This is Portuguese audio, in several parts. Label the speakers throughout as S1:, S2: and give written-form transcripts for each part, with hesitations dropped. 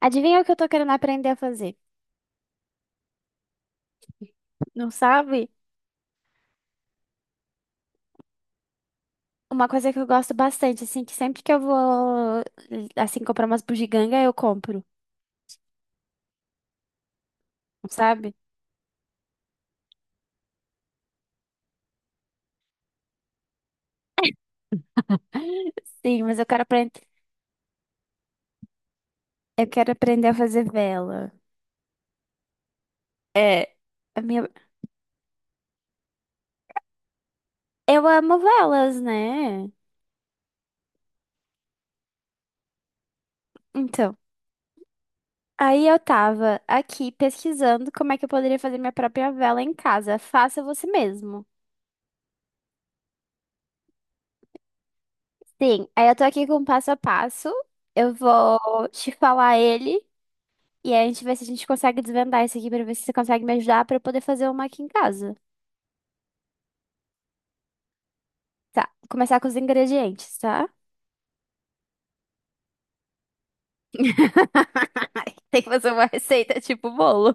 S1: Adivinha o que eu tô querendo aprender a fazer? Não sabe? Uma coisa que eu gosto bastante, assim, que sempre que eu vou, assim, comprar umas bugiganga, eu compro, não sabe? Sim, mas eu quero aprender a fazer vela. É, a minha... Eu amo velas, né? Então, aí eu tava aqui pesquisando como é que eu poderia fazer minha própria vela em casa. Faça você mesmo. Sim, aí eu tô aqui com o passo a passo. Eu vou te falar ele. E aí a gente vê se a gente consegue desvendar isso aqui pra ver se você consegue me ajudar pra eu poder fazer uma aqui em casa. Tá, vou começar com os ingredientes, tá? Tem que fazer uma receita tipo bolo.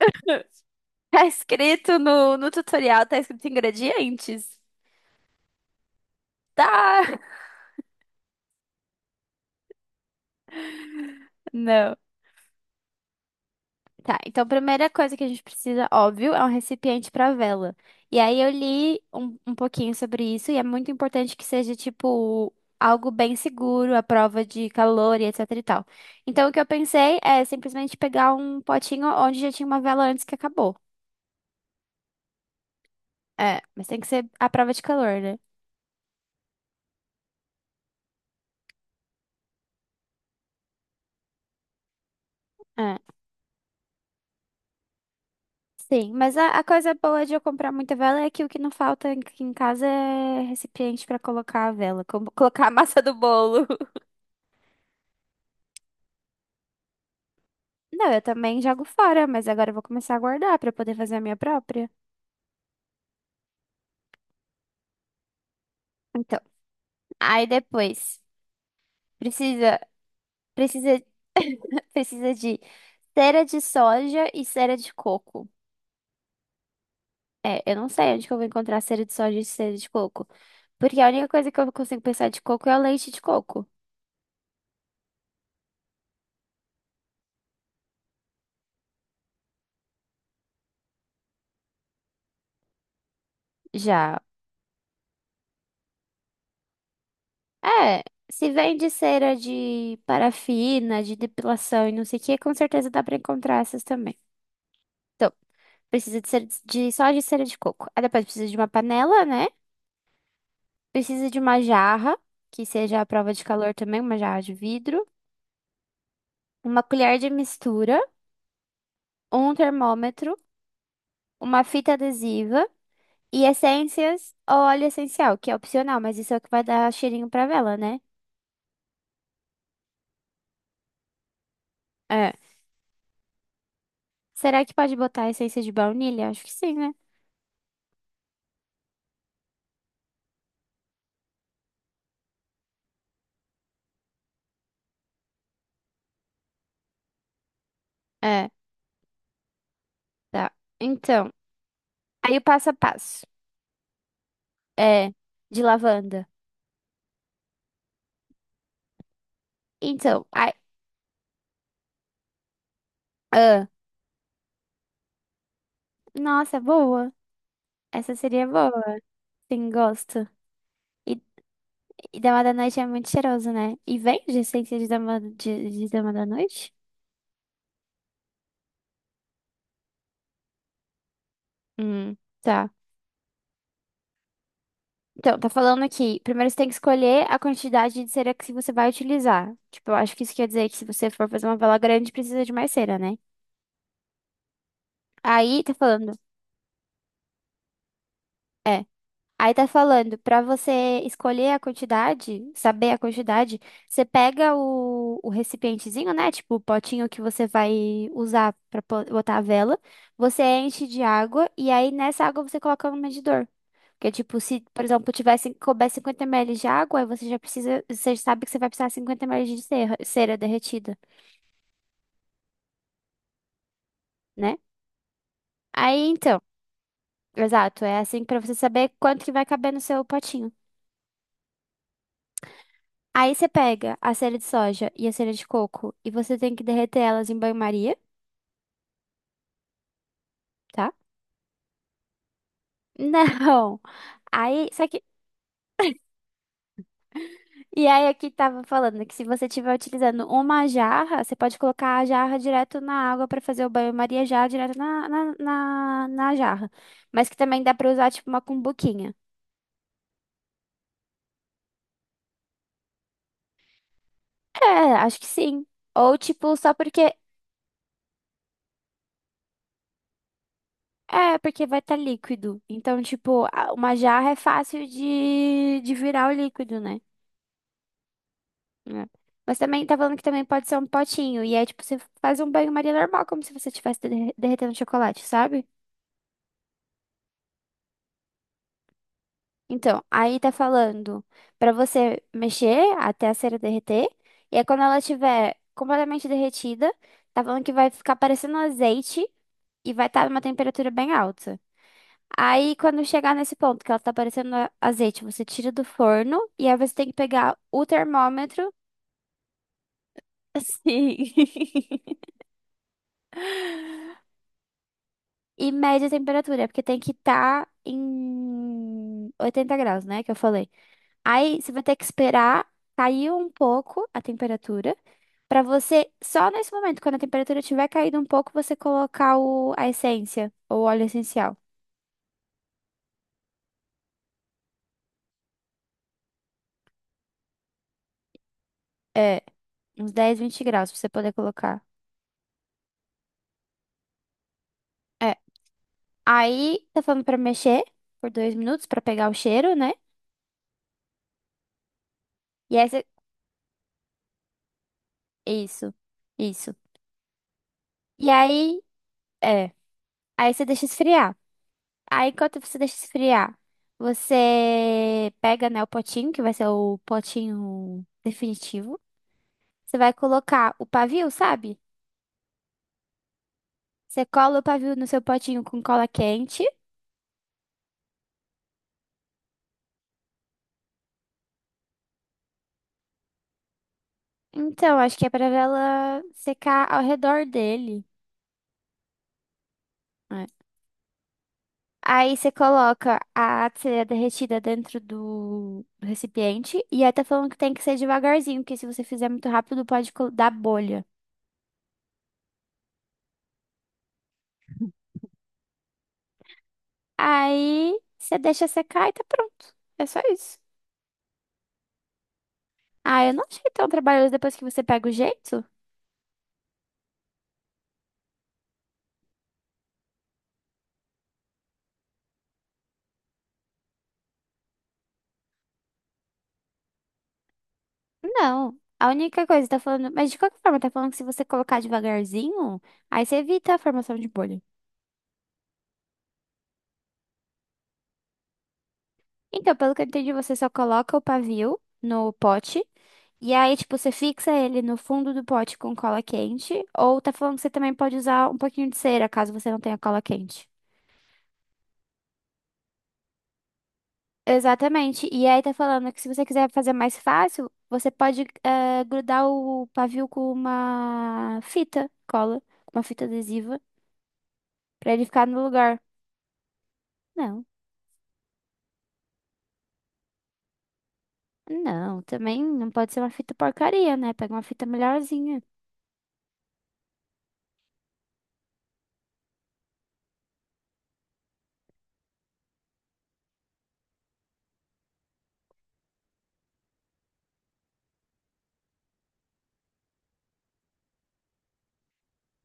S1: Tá escrito no tutorial, tá escrito ingredientes. Tá! Não. Tá, então a primeira coisa que a gente precisa, óbvio, é um recipiente para vela. E aí eu li um pouquinho sobre isso e é muito importante que seja, tipo, algo bem seguro, à prova de calor e etc e tal. Então o que eu pensei é simplesmente pegar um potinho onde já tinha uma vela antes que acabou. É, mas tem que ser à prova de calor, né? É. Sim, mas a coisa boa de eu comprar muita vela é que o que não falta aqui em casa é recipiente para colocar a vela, como colocar a massa do bolo. Não, eu também jogo fora, mas agora eu vou começar a guardar pra eu poder fazer a minha própria. Então, aí depois precisa precisa precisa de cera de soja e cera de coco. É, eu não sei onde que eu vou encontrar cera de soja e cera de coco, porque a única coisa que eu consigo pensar de coco é o leite de coco. Já. É, se vende cera de parafina, de depilação e não sei o que, com certeza dá pra encontrar essas também. Então, precisa de, cera de só de cera de coco. Aí depois precisa de uma panela, né? Precisa de uma jarra, que seja à prova de calor também, uma jarra de vidro, uma colher de mistura, um termômetro, uma fita adesiva e essências ou óleo essencial, que é opcional, mas isso é o que vai dar cheirinho pra vela, né? É. Será que pode botar essência de baunilha? Acho que sim, né? É, tá. Então, aí o passo a passo. É, de lavanda. Então, ai, ah, nossa, boa. Essa seria boa. Sim, gosto. E, e Dama da Noite é muito cheiroso, né? E vende essência de Dama, de Dama da Noite? Hum, tá. Então, tá falando aqui. Primeiro você tem que escolher a quantidade de cera que você vai utilizar. Tipo, eu acho que isso quer dizer que se você for fazer uma vela grande, precisa de mais cera, né? Aí tá falando. é, Aí tá falando, pra você escolher a quantidade, saber a quantidade, você pega o recipientezinho, né? Tipo, o potinho que você vai usar pra botar a vela. Você enche de água e aí nessa água você coloca no medidor. Porque, tipo, se, por exemplo, tivesse, couber 50 ml de água, aí você já precisa, você sabe que você vai precisar de 50 ml de cera derretida, né? Aí então, exato, é assim pra você saber quanto que vai caber no seu potinho. Aí você pega a cera de soja e a cera de coco e você tem que derreter elas em banho-maria, tá? Não. Aí, só que, e aí aqui tava falando que se você estiver utilizando uma jarra, você pode colocar a jarra direto na água pra fazer o banho-maria já direto na jarra. Mas que também dá pra usar tipo uma cumbuquinha. É, acho que sim. Ou tipo, porque vai estar líquido. Então, tipo, uma jarra é fácil de virar o líquido, né? É. Mas também tá falando que também pode ser um potinho. E é tipo, você faz um banho-maria normal, como se você estivesse derretendo chocolate, sabe? Então, aí tá falando pra você mexer até a cera derreter. E aí, quando ela estiver completamente derretida, tá falando que vai ficar parecendo um azeite e vai estar numa temperatura bem alta. Aí, quando chegar nesse ponto que ela tá parecendo azeite, você tira do forno e aí você tem que pegar o termômetro. Sim. E média temperatura, porque tem que estar em 80 graus, né? Que eu falei. Aí você vai ter que esperar cair um pouco a temperatura, pra você, só nesse momento, quando a temperatura tiver caído um pouco, você colocar a essência, ou o óleo essencial. É, uns 10 20 graus pra você poder colocar. É. Aí tá falando pra mexer por 2 minutos pra pegar o cheiro, né? E aí você... Isso, isso. E aí, é. Aí você deixa esfriar. Aí, enquanto você deixa esfriar, você pega, né, o potinho, que vai ser o potinho definitivo. Você vai colocar o pavio, sabe? Você cola o pavio no seu potinho com cola quente. Então, acho que é pra ela secar ao redor dele. É. Aí você coloca a cera derretida dentro do recipiente. E aí tá falando que tem que ser devagarzinho, porque se você fizer muito rápido, pode dar bolha. Aí você deixa secar e tá pronto. É só isso. Ah, eu não achei tão trabalhoso depois que você pega o jeito. Não. A única coisa, tá falando. Mas de qualquer forma, tá falando que se você colocar devagarzinho, aí você evita a formação de bolha. Então, pelo que eu entendi, você só coloca o pavio no pote. E aí, tipo, você fixa ele no fundo do pote com cola quente. Ou tá falando que você também pode usar um pouquinho de cera, caso você não tenha cola quente. Exatamente. E aí tá falando que se você quiser fazer mais fácil, você pode grudar o pavio com uma fita cola, com uma fita adesiva, pra ele ficar no lugar. Não, não, também não pode ser uma fita porcaria, né? Pega uma fita melhorzinha.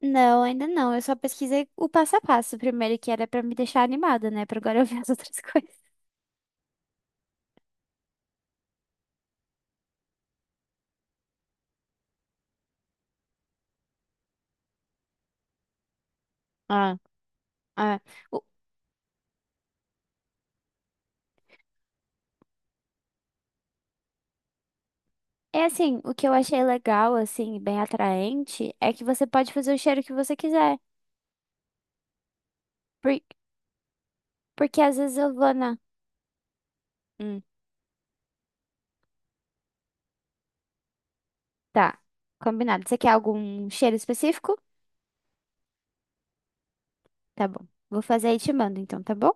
S1: Não, ainda não. Eu só pesquisei o passo a passo primeiro, que era pra me deixar animada, né? Pra agora eu ver as outras coisas. Ah, ah, o- é assim, o que eu achei legal, assim, bem atraente, é que você pode fazer o cheiro que você quiser. Porque às vezes eu vou na. Hum, tá. Combinado. Você quer algum cheiro específico? Tá bom. Vou fazer e te mando, então, tá bom?